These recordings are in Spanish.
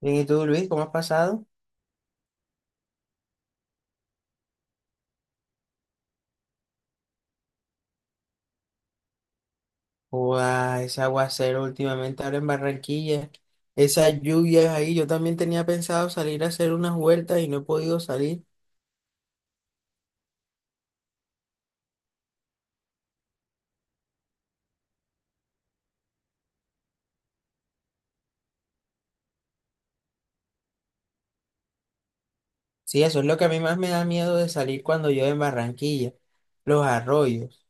Bien, ¿y tú, Luis, cómo has pasado? Ua, ese aguacero últimamente ahora en Barranquilla, esas lluvias ahí, yo también tenía pensado salir a hacer unas vueltas y no he podido salir. Sí, eso es lo que a mí más me da miedo de salir cuando llueve en Barranquilla, los arroyos.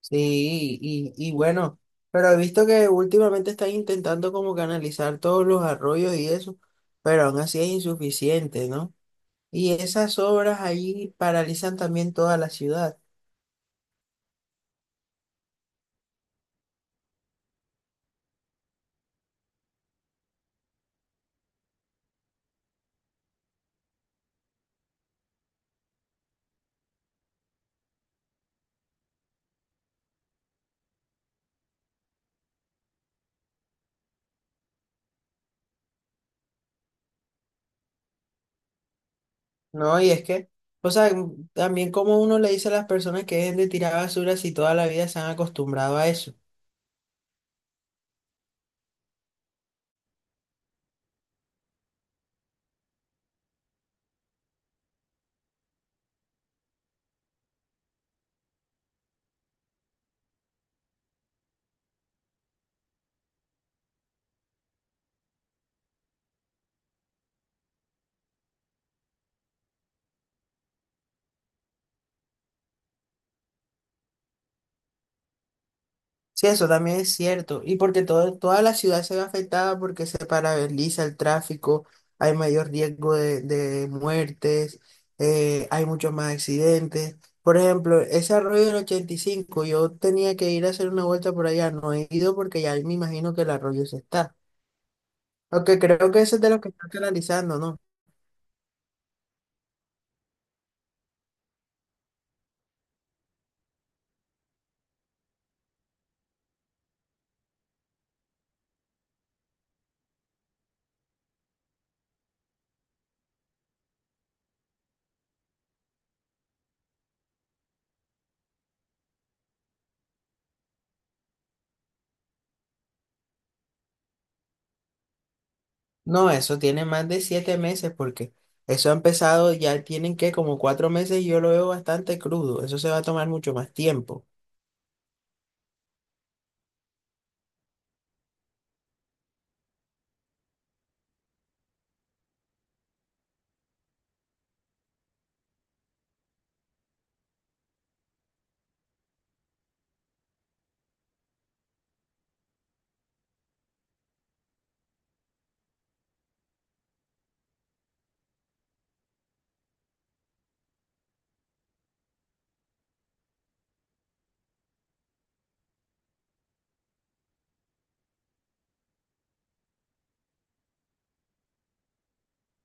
Sí, y bueno, pero he visto que últimamente están intentando como canalizar todos los arroyos y eso, pero aún así es insuficiente, ¿no? Y esas obras ahí paralizan también toda la ciudad. No, y es que, o sea, también como uno le dice a las personas que dejen de tirar basura si toda la vida se han acostumbrado a eso. Sí, eso también es cierto. Y porque todo, toda la ciudad se ve afectada porque se paraliza el tráfico, hay mayor riesgo de muertes, hay muchos más accidentes. Por ejemplo, ese arroyo del 85 yo tenía que ir a hacer una vuelta por allá, no he ido porque ya me imagino que el arroyo se está. Aunque creo que ese es de los que están canalizando, ¿no? No, eso tiene más de 7 meses porque eso ha empezado, ya tienen que como 4 meses y yo lo veo bastante crudo, eso se va a tomar mucho más tiempo.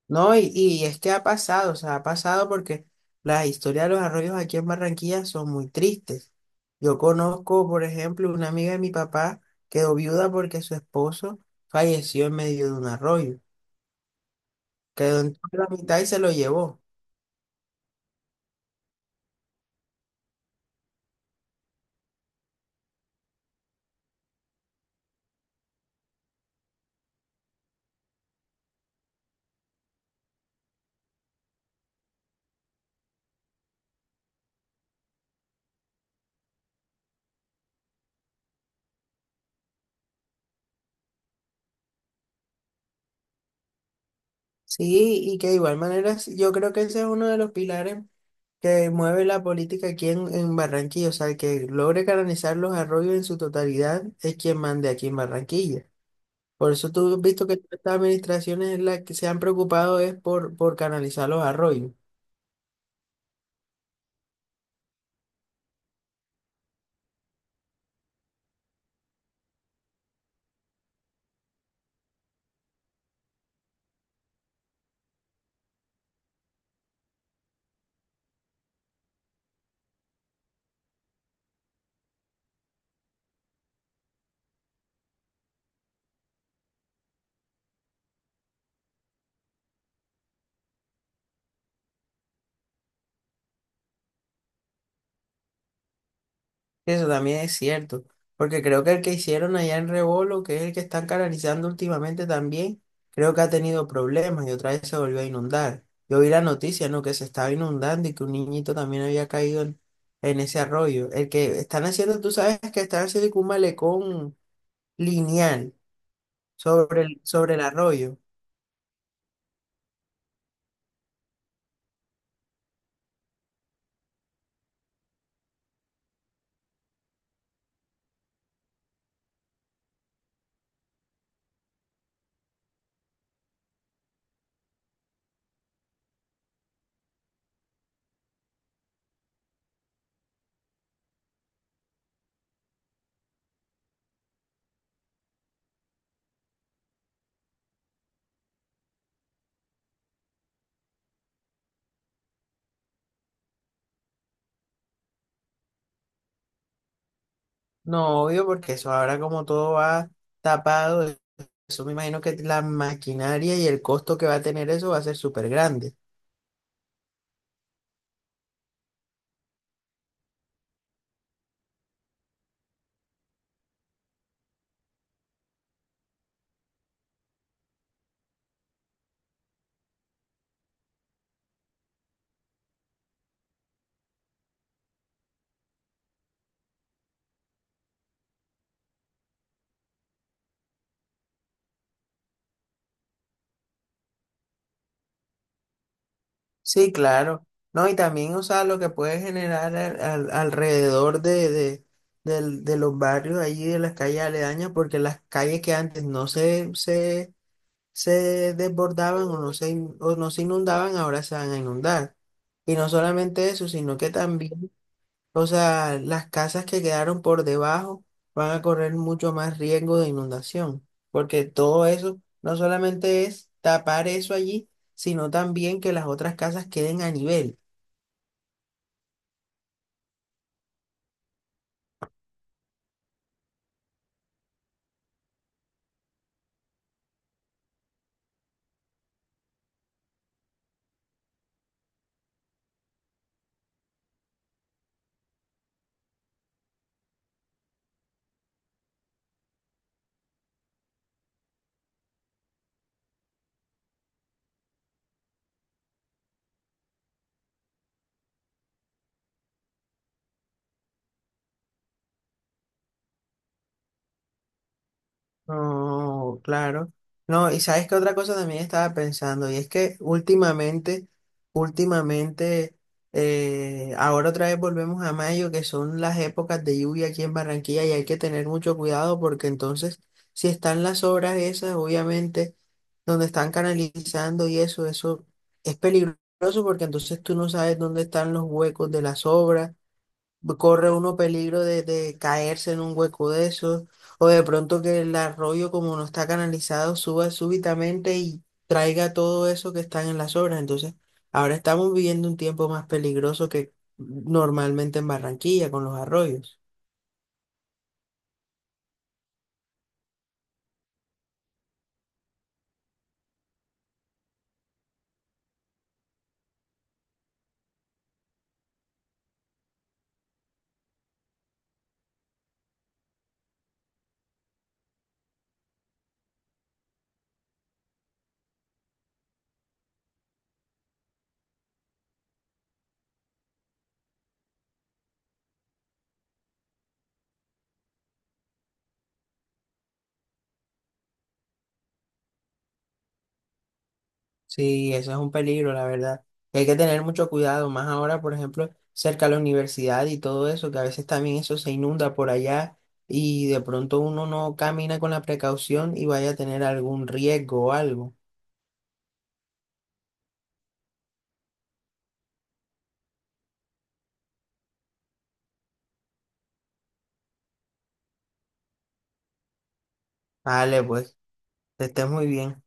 No, y es que ha pasado, o sea, ha pasado porque las historias de los arroyos aquí en Barranquilla son muy tristes. Yo conozco, por ejemplo, una amiga de mi papá quedó viuda porque su esposo falleció en medio de un arroyo, quedó en toda la mitad y se lo llevó. Sí, y que de igual manera sí, yo creo que ese es uno de los pilares que mueve la política aquí en Barranquilla, o sea, el que logre canalizar los arroyos en su totalidad es quien mande aquí en Barranquilla. Por eso tú has visto que todas estas administraciones la que se han preocupado es por canalizar los arroyos. Eso también es cierto, porque creo que el que hicieron allá en Rebolo, que es el que están canalizando últimamente también, creo que ha tenido problemas y otra vez se volvió a inundar. Yo vi la noticia, ¿no? Que se estaba inundando y que un niñito también había caído en ese arroyo. El que están haciendo, tú sabes que están haciendo como un malecón lineal sobre el arroyo. No, obvio, porque eso ahora como todo va tapado, eso me imagino que la maquinaria y el costo que va a tener eso va a ser súper grande. Sí, claro. No, y también, o sea, lo que puede generar alrededor de los barrios allí, de las calles aledañas, porque las calles que antes no se desbordaban o no se inundaban, ahora se van a inundar. Y no solamente eso, sino que también o sea, las casas que quedaron por debajo van a correr mucho más riesgo de inundación, porque todo eso no solamente es tapar eso allí, sino también que las otras casas queden a nivel. No, claro. No, y sabes que otra cosa también estaba pensando, y es que últimamente, ahora otra vez volvemos a mayo, que son las épocas de lluvia aquí en Barranquilla, y hay que tener mucho cuidado porque entonces, si están las obras esas, obviamente, donde están canalizando y eso es peligroso porque entonces tú no sabes dónde están los huecos de las obras corre uno peligro de caerse en un hueco de esos, o de pronto que el arroyo, como no está canalizado, suba súbitamente y traiga todo eso que están en las obras. Entonces, ahora estamos viviendo un tiempo más peligroso que normalmente en Barranquilla con los arroyos. Sí, eso es un peligro, la verdad. Y hay que tener mucho cuidado, más ahora, por ejemplo, cerca de la universidad y todo eso, que a veces también eso se inunda por allá y de pronto uno no camina con la precaución y vaya a tener algún riesgo o algo. Vale, pues, que estés muy bien.